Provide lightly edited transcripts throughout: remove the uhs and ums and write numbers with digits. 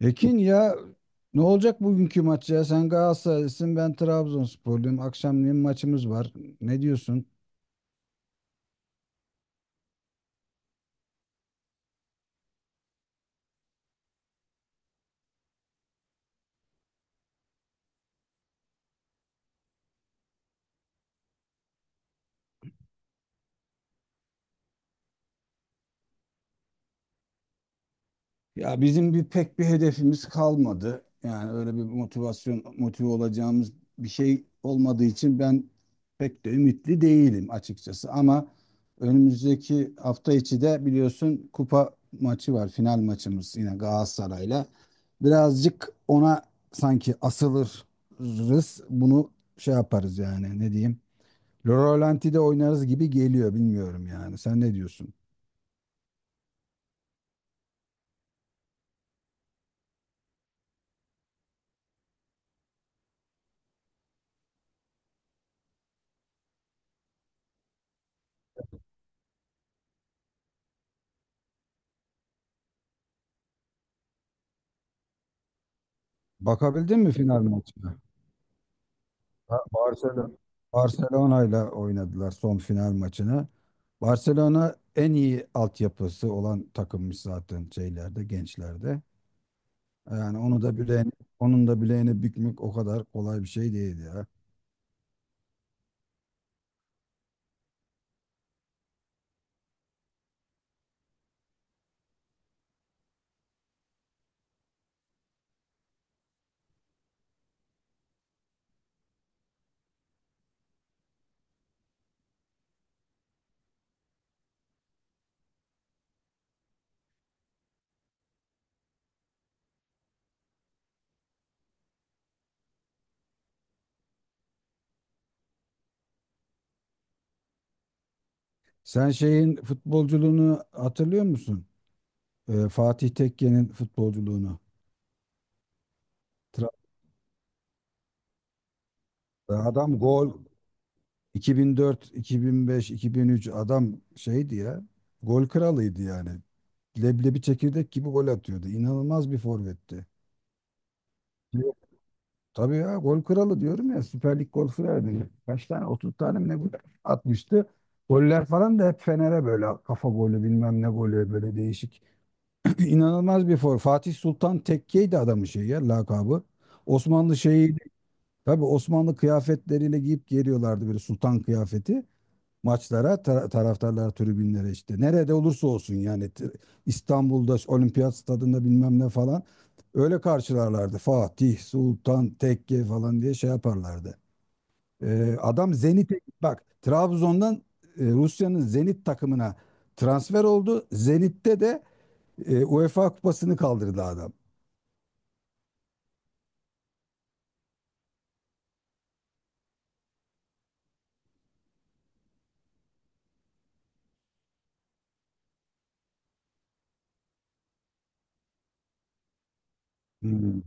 Ekin ya, ne olacak bugünkü maç ya? Sen Galatasaraylısın, ben Trabzonsporluyum. Akşamleyin maçımız var. Ne diyorsun? Ya bizim pek bir hedefimiz kalmadı. Yani öyle bir motive olacağımız bir şey olmadığı için ben pek de ümitli değilim açıkçası. Ama önümüzdeki hafta içi de biliyorsun kupa maçı var, final maçımız yine Galatasaray'la. Birazcık ona sanki asılırız. Bunu şey yaparız yani, ne diyeyim? Rölanti'de oynarız gibi geliyor, bilmiyorum yani. Sen ne diyorsun? Bakabildin mi final maçına? Ha, Barcelona ile oynadılar son final maçını. Barcelona en iyi altyapısı olan takımmış zaten şeylerde, gençlerde. Yani onu da bileğini, onun da bileğini bükmek o kadar kolay bir şey değil ya. Sen şeyin futbolculuğunu hatırlıyor musun? Fatih Tekke'nin futbolculuğunu. Tra- Adam gol 2004, 2005, 2003, adam şeydi ya. Gol kralıydı yani. Leblebi çekirdek gibi gol atıyordu. İnanılmaz bir forvetti. Yok. Tabii ya, gol kralı diyorum ya. Süper Lig gol kralı. Kaç tane, 30 tane mi ne gol atmıştı. Goller falan da hep Fener'e böyle kafa golü bilmem ne golü, böyle değişik. İnanılmaz bir for. Fatih Sultan Tekke'ydi adamın şeyi ya, lakabı. Osmanlı şeyi, tabii Osmanlı kıyafetleriyle giyip geliyorlardı, böyle sultan kıyafeti. Maçlara taraftarlar tribünlere, işte nerede olursa olsun yani, İstanbul'da Olimpiyat Stadında bilmem ne falan, öyle karşılarlardı, Fatih Sultan Tekke falan diye şey yaparlardı. Adam Zenit'e bak, Trabzon'dan Rusya'nın Zenit takımına transfer oldu. Zenit'te de UEFA kupasını kaldırdı adam. Hmm.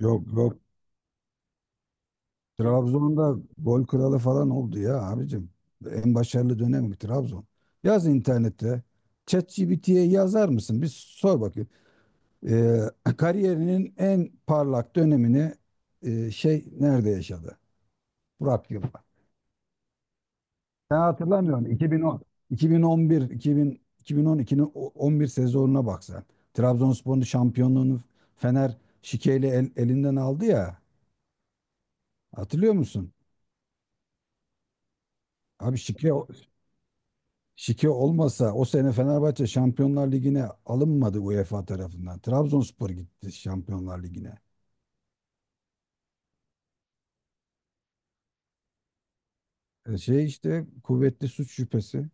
Yok, yok. Trabzon'da gol kralı falan oldu ya abicim. En başarılı dönemi Trabzon. Yaz internette. ChatGPT'ye yazar mısın? Bir sor bakayım. Ee, kariyerinin en parlak dönemini şey nerede yaşadı? Burak Yılmaz. Sen hatırlamıyorsun. 2010, 2011, 2000, 2012'nin 11 sezonuna bak sen. Trabzonspor'un şampiyonluğunu Fener şikeyle elinden aldı ya. Hatırlıyor musun? Abi, şike olmasa o sene Fenerbahçe Şampiyonlar Ligi'ne alınmadı UEFA tarafından. Trabzonspor gitti Şampiyonlar Ligi'ne. Şey işte, kuvvetli suç şüphesi.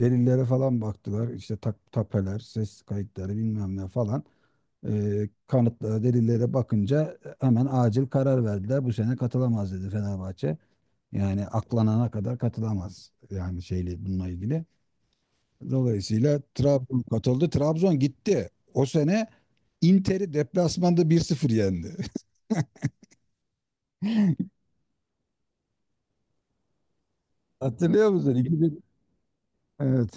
Delillere falan baktılar. İşte tapeler, ses kayıtları bilmem ne falan. Kanıtlara, delillere bakınca hemen acil karar verdiler. Bu sene katılamaz dedi Fenerbahçe. Yani aklanana kadar katılamaz. Yani şeyle, bununla ilgili. Dolayısıyla Trabzon katıldı. Trabzon gitti. O sene Inter'i deplasmanda 1-0 yendi. Hatırlıyor musun? 2000... Evet.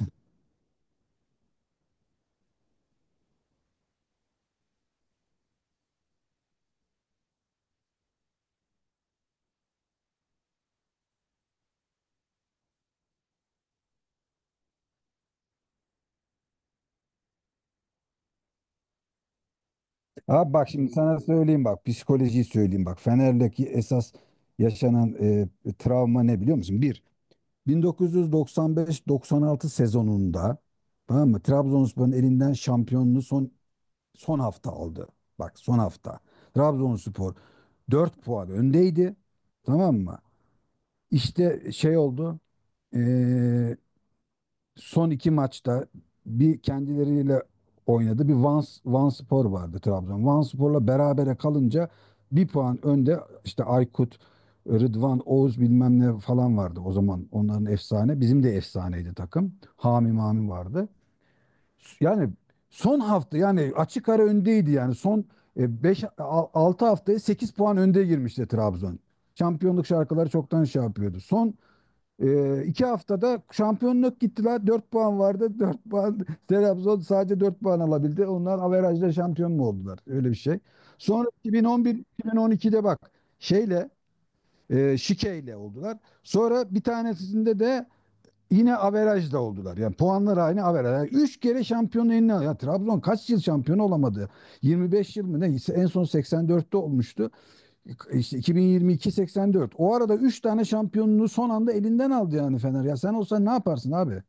Abi bak, şimdi sana söyleyeyim, bak psikolojiyi söyleyeyim, bak Fener'deki esas yaşanan travma ne biliyor musun? Bir 1995-96 sezonunda, tamam mı? Trabzonspor'un elinden şampiyonluğu son hafta aldı. Bak, son hafta. Trabzonspor 4 puan öndeydi. Tamam mı? İşte şey oldu. e, son iki maçta bir kendileriyle oynadı. Bir Vanspor vardı Trabzon. Vanspor'la berabere kalınca bir puan önde, işte Aykut, Rıdvan, Oğuz bilmem ne falan vardı o zaman. Onların efsane. Bizim de efsaneydi takım. Hami Mami vardı. Yani son hafta yani, açık ara öndeydi yani, son 5 6 haftaya 8 puan önde girmişti Trabzon. Şampiyonluk şarkıları çoktan şey yapıyordu. Son iki haftada şampiyonluk gittiler. Dört puan vardı. Dört puan Trabzon sadece 4 puan alabildi. Onlar averajla şampiyon mu oldular? Öyle bir şey. Sonra 2011-2012'de bak şeyle şikeyle oldular. Sonra bir tanesinde de yine averajla oldular. Yani puanlar aynı, averaj. Yani üç kere şampiyonu eline. Ya Trabzon kaç yıl şampiyon olamadı? 25 yıl mı ne? En son 84'te olmuştu. İşte 2022-84. O arada 3 tane şampiyonluğu son anda elinden aldı yani Fener. Ya sen olsan ne yaparsın abi?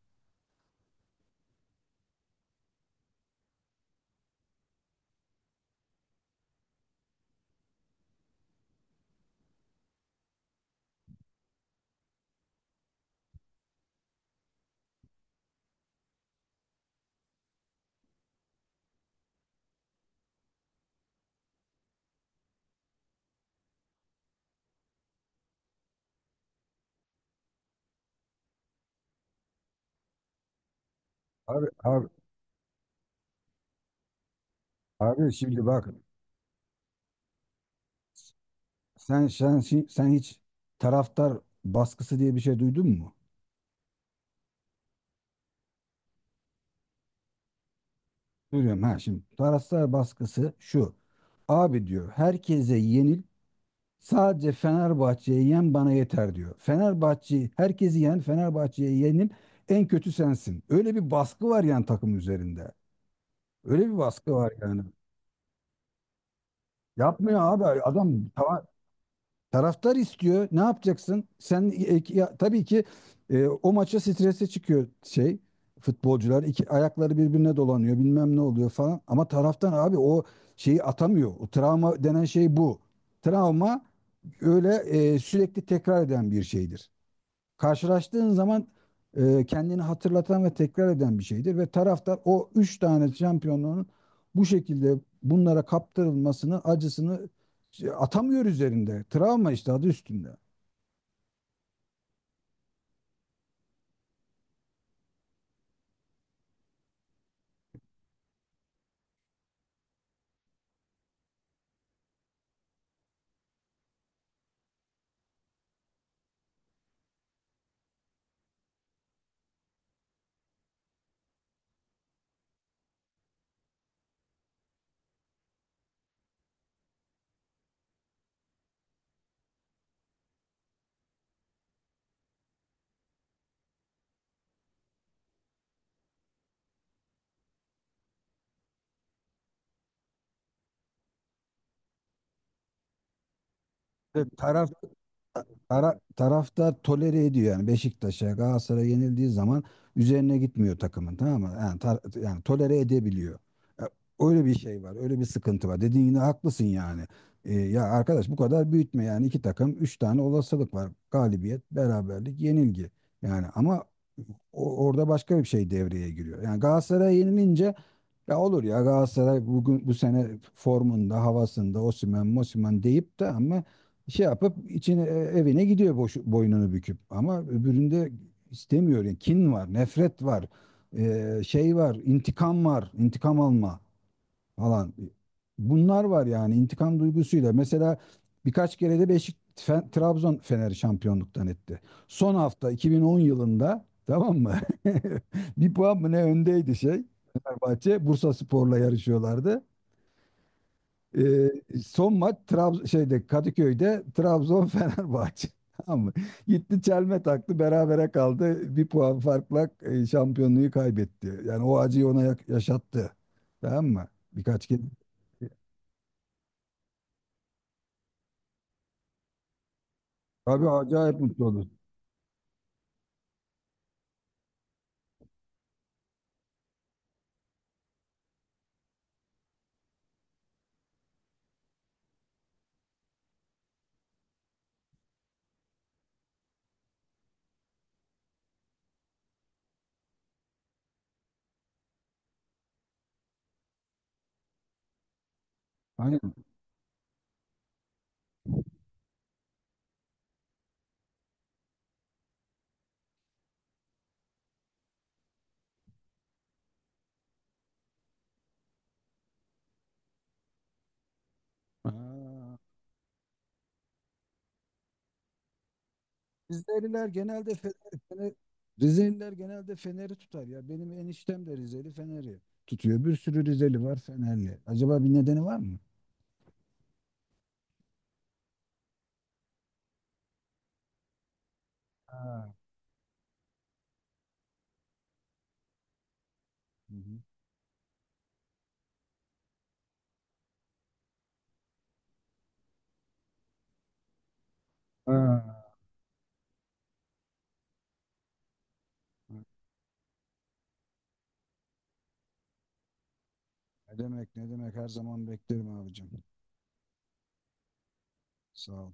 Abi, abi, abi, şimdi bak, sen, sen sen hiç taraftar baskısı diye bir şey duydun mu? Duyuyorum ha, şimdi. Taraftar baskısı şu. Abi diyor, herkese yenil, sadece Fenerbahçe'ye yen, bana yeter diyor. Fenerbahçe'yi, herkesi yen Fenerbahçe'ye yenil en kötü sensin. Öyle bir baskı var yani takım üzerinde. Öyle bir baskı var yani. Yapmıyor abi adam, taraftar istiyor. Ne yapacaksın? Sen tabii ki o maça strese çıkıyor, şey, futbolcular iki ayakları birbirine dolanıyor bilmem ne oluyor falan, ama taraftan abi o şeyi atamıyor. O travma denen şey bu. Travma öyle sürekli tekrar eden bir şeydir, karşılaştığın zaman kendini hatırlatan ve tekrar eden bir şeydir, ve taraftar o üç tane şampiyonluğun bu şekilde bunlara kaptırılmasını, acısını, şey, atamıyor üzerinde. Travma işte, adı üstünde. Ve taraf taraftar tolere ediyor yani Beşiktaş'a, Galatasaray'a yenildiği zaman, üzerine gitmiyor takımın, tamam mı? Yani, yani tolere edebiliyor. E, Öyle bir şey var, öyle bir sıkıntı var. Dediğin yine haklısın yani. Ya arkadaş bu kadar büyütme yani, iki takım üç tane olasılık var. Galibiyet, beraberlik, yenilgi. Yani ama orada başka bir şey devreye giriyor. Yani Galatasaray'a yenilince, ya olur, ya Galatasaray bugün bu sene formunda, havasında, Osimhen, Mosimhen deyip de ama şey yapıp içine, evine gidiyor boş, boynunu büküp, ama öbüründe istemiyor. Yani kin var, nefret var. Şey var, intikam var, intikam alma falan. Bunlar var yani intikam duygusuyla. Mesela birkaç kere de Trabzon Fener'i şampiyonluktan etti. Son hafta 2010 yılında, tamam mı? Bir puan mı ne öndeydi şey. Fenerbahçe Bursa Spor'la yarışıyorlardı. Ee, son maç Trab şeyde Kadıköy'de, Trabzon Fenerbahçe. Tamam mı? Gitti, çelme taktı, berabere kaldı. Bir puan farkla şampiyonluğu kaybetti. Yani o acıyı ona yaşattı. Tamam mı? Birkaç kez. Tabii acayip mutlu olur. Aynen. Ha. Rizeliler genelde Fener, Fener- Rizeliler genelde Fener'i tutar ya. Benim eniştem de Rizeli, Fener'i tutuyor. Bir sürü Rizeli var, Fenerli. Acaba bir nedeni var mı? Ha. Hı hı. Ha, ne demek ne demek, her zaman beklerim abicim. Sağ ol.